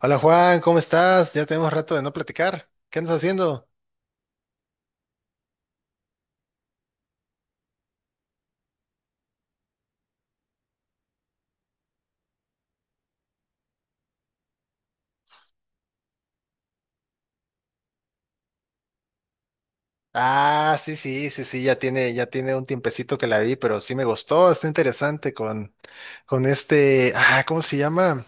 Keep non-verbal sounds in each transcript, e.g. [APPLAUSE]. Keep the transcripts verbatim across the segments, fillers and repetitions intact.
Hola Juan, ¿cómo estás? Ya tenemos rato de no platicar. ¿Qué andas haciendo? Ah, sí, sí, sí, sí, ya tiene, ya tiene un tiempecito que la vi, pero sí me gustó, está interesante con, con este, ah, ¿cómo se llama?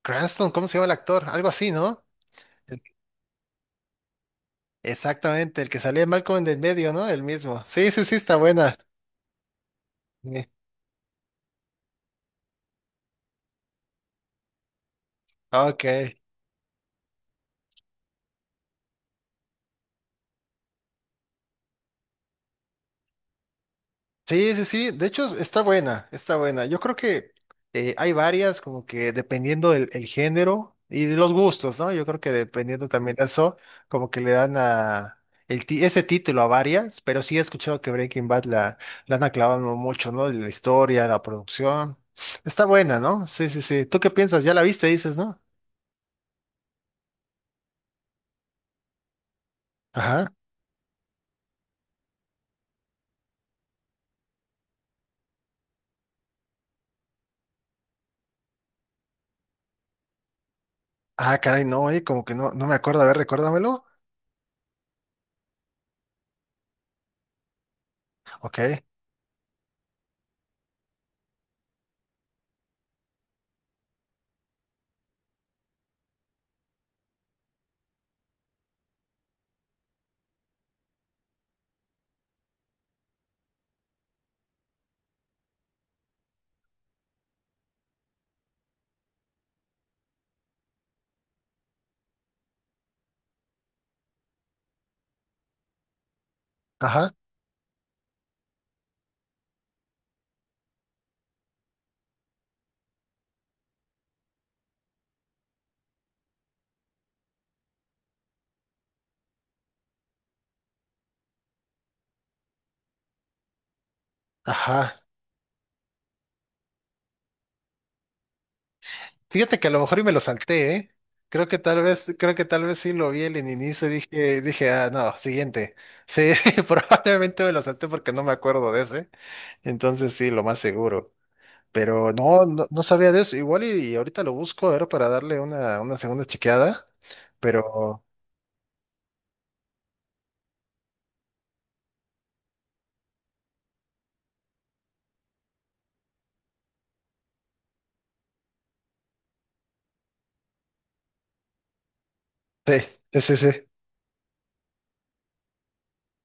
Cranston, ¿cómo se llama el actor? Algo así, ¿no? El- Exactamente, el que salía mal con el medio, ¿no? El mismo. Sí, sí, sí, está buena. Sí. Ok. Sí, sí, sí. De hecho, está buena, está buena. Yo creo que eh, hay varias, como que dependiendo del el género y de los gustos, ¿no? Yo creo que dependiendo también de eso, como que le dan a el ti- ese título a varias, pero sí he escuchado que Breaking Bad la, la han aclavado mucho, ¿no? La historia, la producción. Está buena, ¿no? Sí, sí, sí. ¿Tú qué piensas? Ya la viste, dices, ¿no? Ajá. Ah, caray, no, eh, como que no, no me acuerdo. A ver, recuérdamelo. Ok. Ajá. Ajá. Fíjate que a lo mejor y me lo salté, ¿eh? Creo que tal vez, creo que tal vez sí lo vi en el inicio y dije, dije, ah, no, siguiente. Sí, [LAUGHS] probablemente me lo salté porque no me acuerdo de ese. Entonces sí, lo más seguro. Pero no, no, no sabía de eso. Igual y, y ahorita lo busco, era para darle una, una segunda chequeada. Pero sí, sí, sí, sí.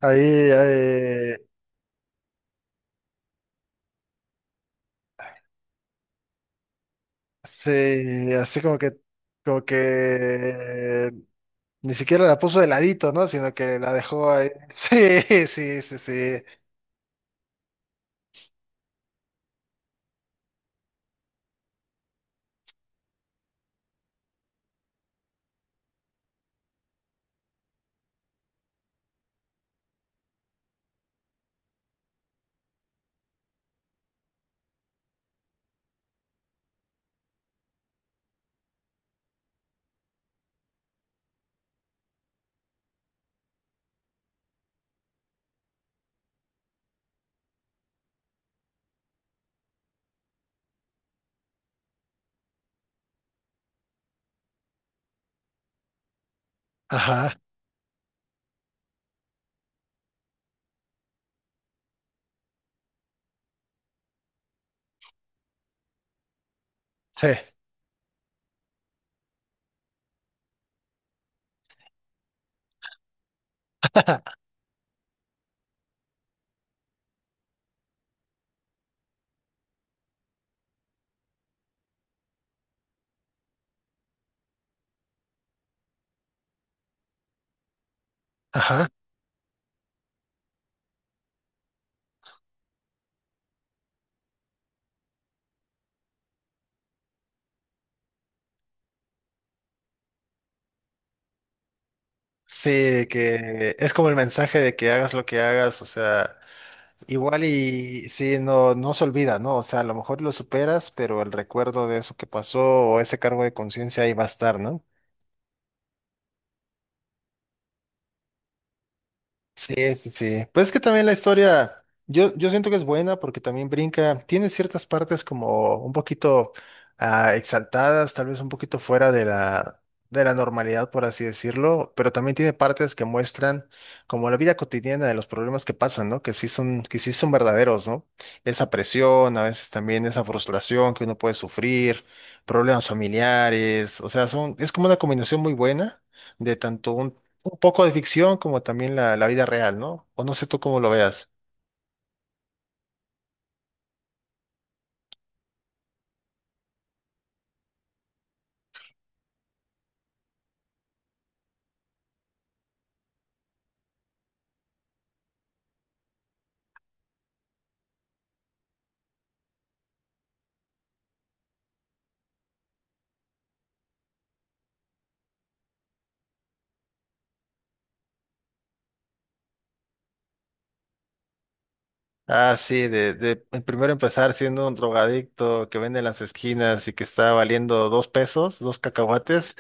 Ahí, eh, sí, así como que, como que Ni siquiera la puso de ladito, ¿no? Sino que la dejó ahí. [LAUGHS] Sí, sí, sí, sí. Ajá, sí. [LAUGHS] Ajá. Sí, de que es como el mensaje de que hagas lo que hagas, o sea, igual y sí, no, no se olvida, ¿no? O sea, a lo mejor lo superas, pero el recuerdo de eso que pasó o ese cargo de conciencia ahí va a estar, ¿no? Sí, sí, sí. Pues es que también la historia, yo, yo siento que es buena porque también brinca, tiene ciertas partes como un poquito ah, exaltadas, tal vez un poquito fuera de la, de la normalidad, por así decirlo, pero también tiene partes que muestran como la vida cotidiana de los problemas que pasan, ¿no? Que sí son, que sí son verdaderos, ¿no? Esa presión, a veces también esa frustración que uno puede sufrir, problemas familiares, o sea, son, es como una combinación muy buena de tanto un un poco de ficción, como también la, la vida real, ¿no? O no sé tú cómo lo veas. Ah, sí, de, de primero empezar siendo un drogadicto que vende en las esquinas y que está valiendo dos pesos, dos cacahuates,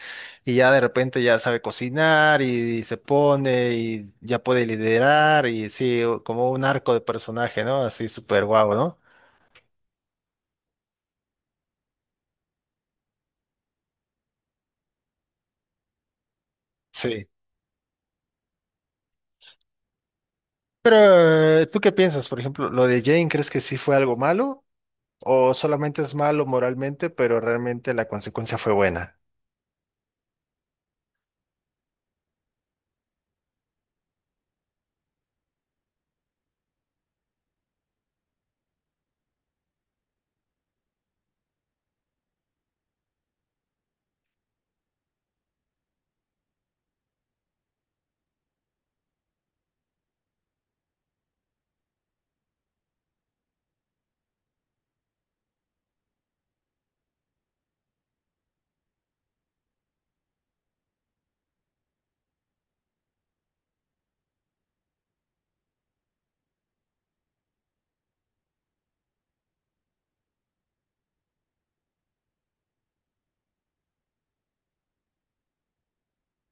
y ya de repente ya sabe cocinar y, se pone y ya puede liderar y sí, como un arco de personaje, ¿no? Así súper guau, ¿no? Sí. Pero, eh, ¿tú qué piensas? Por ejemplo, lo de Jane, ¿crees que sí fue algo malo? ¿O solamente es malo moralmente, pero realmente la consecuencia fue buena?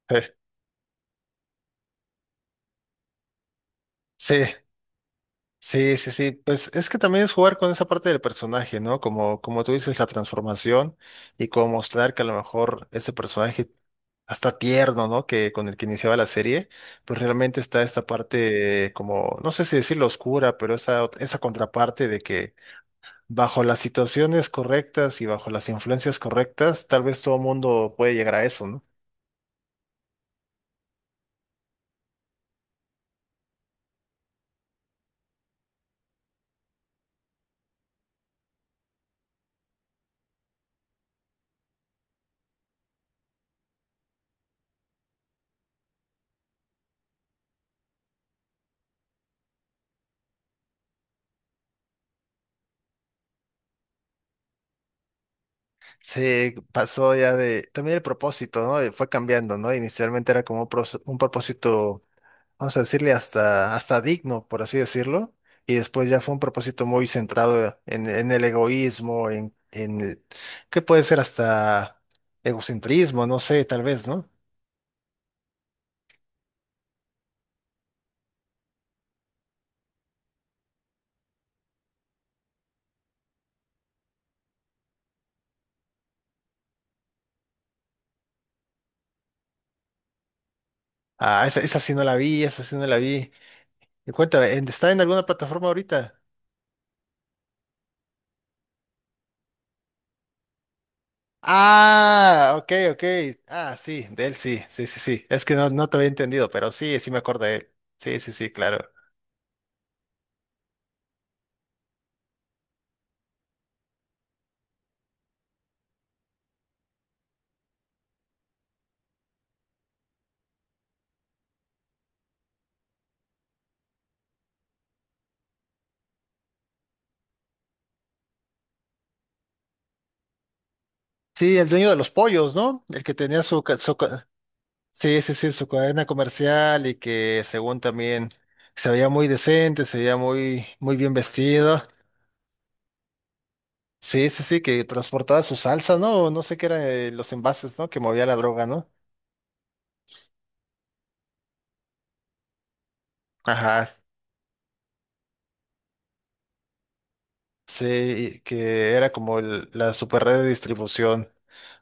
[LAUGHS] Sí, sí, sí, sí. Pues es que también es jugar con esa parte del personaje, ¿no? Como, como tú dices, la transformación y como mostrar que a lo mejor ese personaje hasta tierno, ¿no? Que con el que iniciaba la serie, pues realmente está esta parte como, no sé si decirlo oscura, pero esa, ot- esa contraparte de que bajo las situaciones correctas y bajo las influencias correctas, tal vez todo mundo puede llegar a eso, ¿no? Se pasó ya de, también el propósito, ¿no? Fue cambiando, ¿no? Inicialmente era como un pros- un propósito vamos a decirle, hasta, hasta digno, por así decirlo, y después ya fue un propósito muy centrado en, en el egoísmo, en, en el- que puede ser hasta egocentrismo, no sé, tal vez, ¿no? Ah, esa, esa sí no la vi, esa sí no la vi. Y cuéntame, ¿en- ¿está en alguna plataforma ahorita? Ah, ok, ok. Ah, sí, de él sí, sí, sí, sí. Es que no, no te había entendido, pero sí, sí me acuerdo de él. Sí, sí, sí, claro. Sí, el dueño de los pollos, ¿no? El que tenía su, ca- su, ca- Sí, sí, sí, su cadena comercial y que según también se veía muy decente, se veía muy, muy bien vestido. Sí, sí, sí, que transportaba su salsa, ¿no? O no sé qué eran eh, los envases, ¿no? Que movía la droga, ¿no? Ajá, sí, que era como el- la super red de distribución.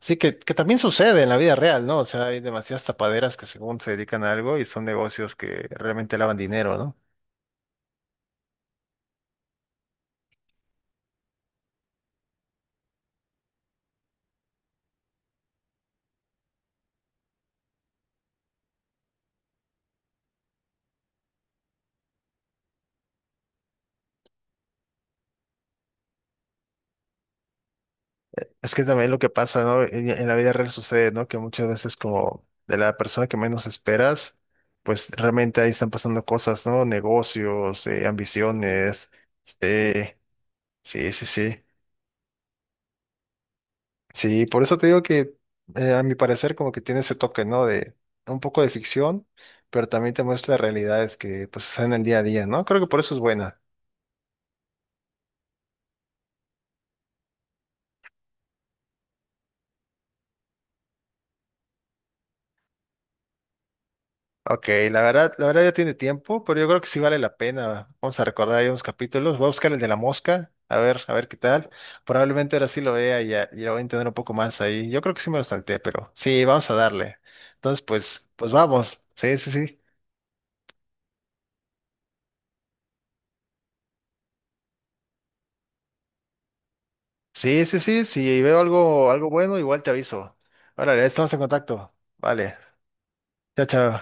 Sí, que, que también sucede en la vida real, ¿no? O sea, hay demasiadas tapaderas que según se dedican a algo y son negocios que realmente lavan dinero, ¿no? Es que también lo que pasa, ¿no? En, en la vida real sucede, ¿no? Que muchas veces como de la persona que menos esperas, pues realmente ahí están pasando cosas, ¿no? Negocios, eh, ambiciones. eh, sí, sí, sí. Sí, por eso te digo que eh, a mi parecer como que tiene ese toque, ¿no? De un poco de ficción, pero también te muestra realidades que pues están en el día a día, ¿no? Creo que por eso es buena. Ok, la verdad, la verdad ya tiene tiempo, pero yo creo que sí vale la pena. Vamos a recordar ahí unos capítulos. Voy a buscar el de la mosca, a ver, a ver qué tal. Probablemente ahora sí lo vea y ya, ya voy a entender un poco más ahí. Yo creo que sí me lo salté, pero sí, vamos a darle. Entonces, pues, pues vamos. Sí, sí, sí. Sí, sí, sí. Si veo algo, algo bueno, igual te aviso. Órale, estamos en contacto. Vale. Chao, chao.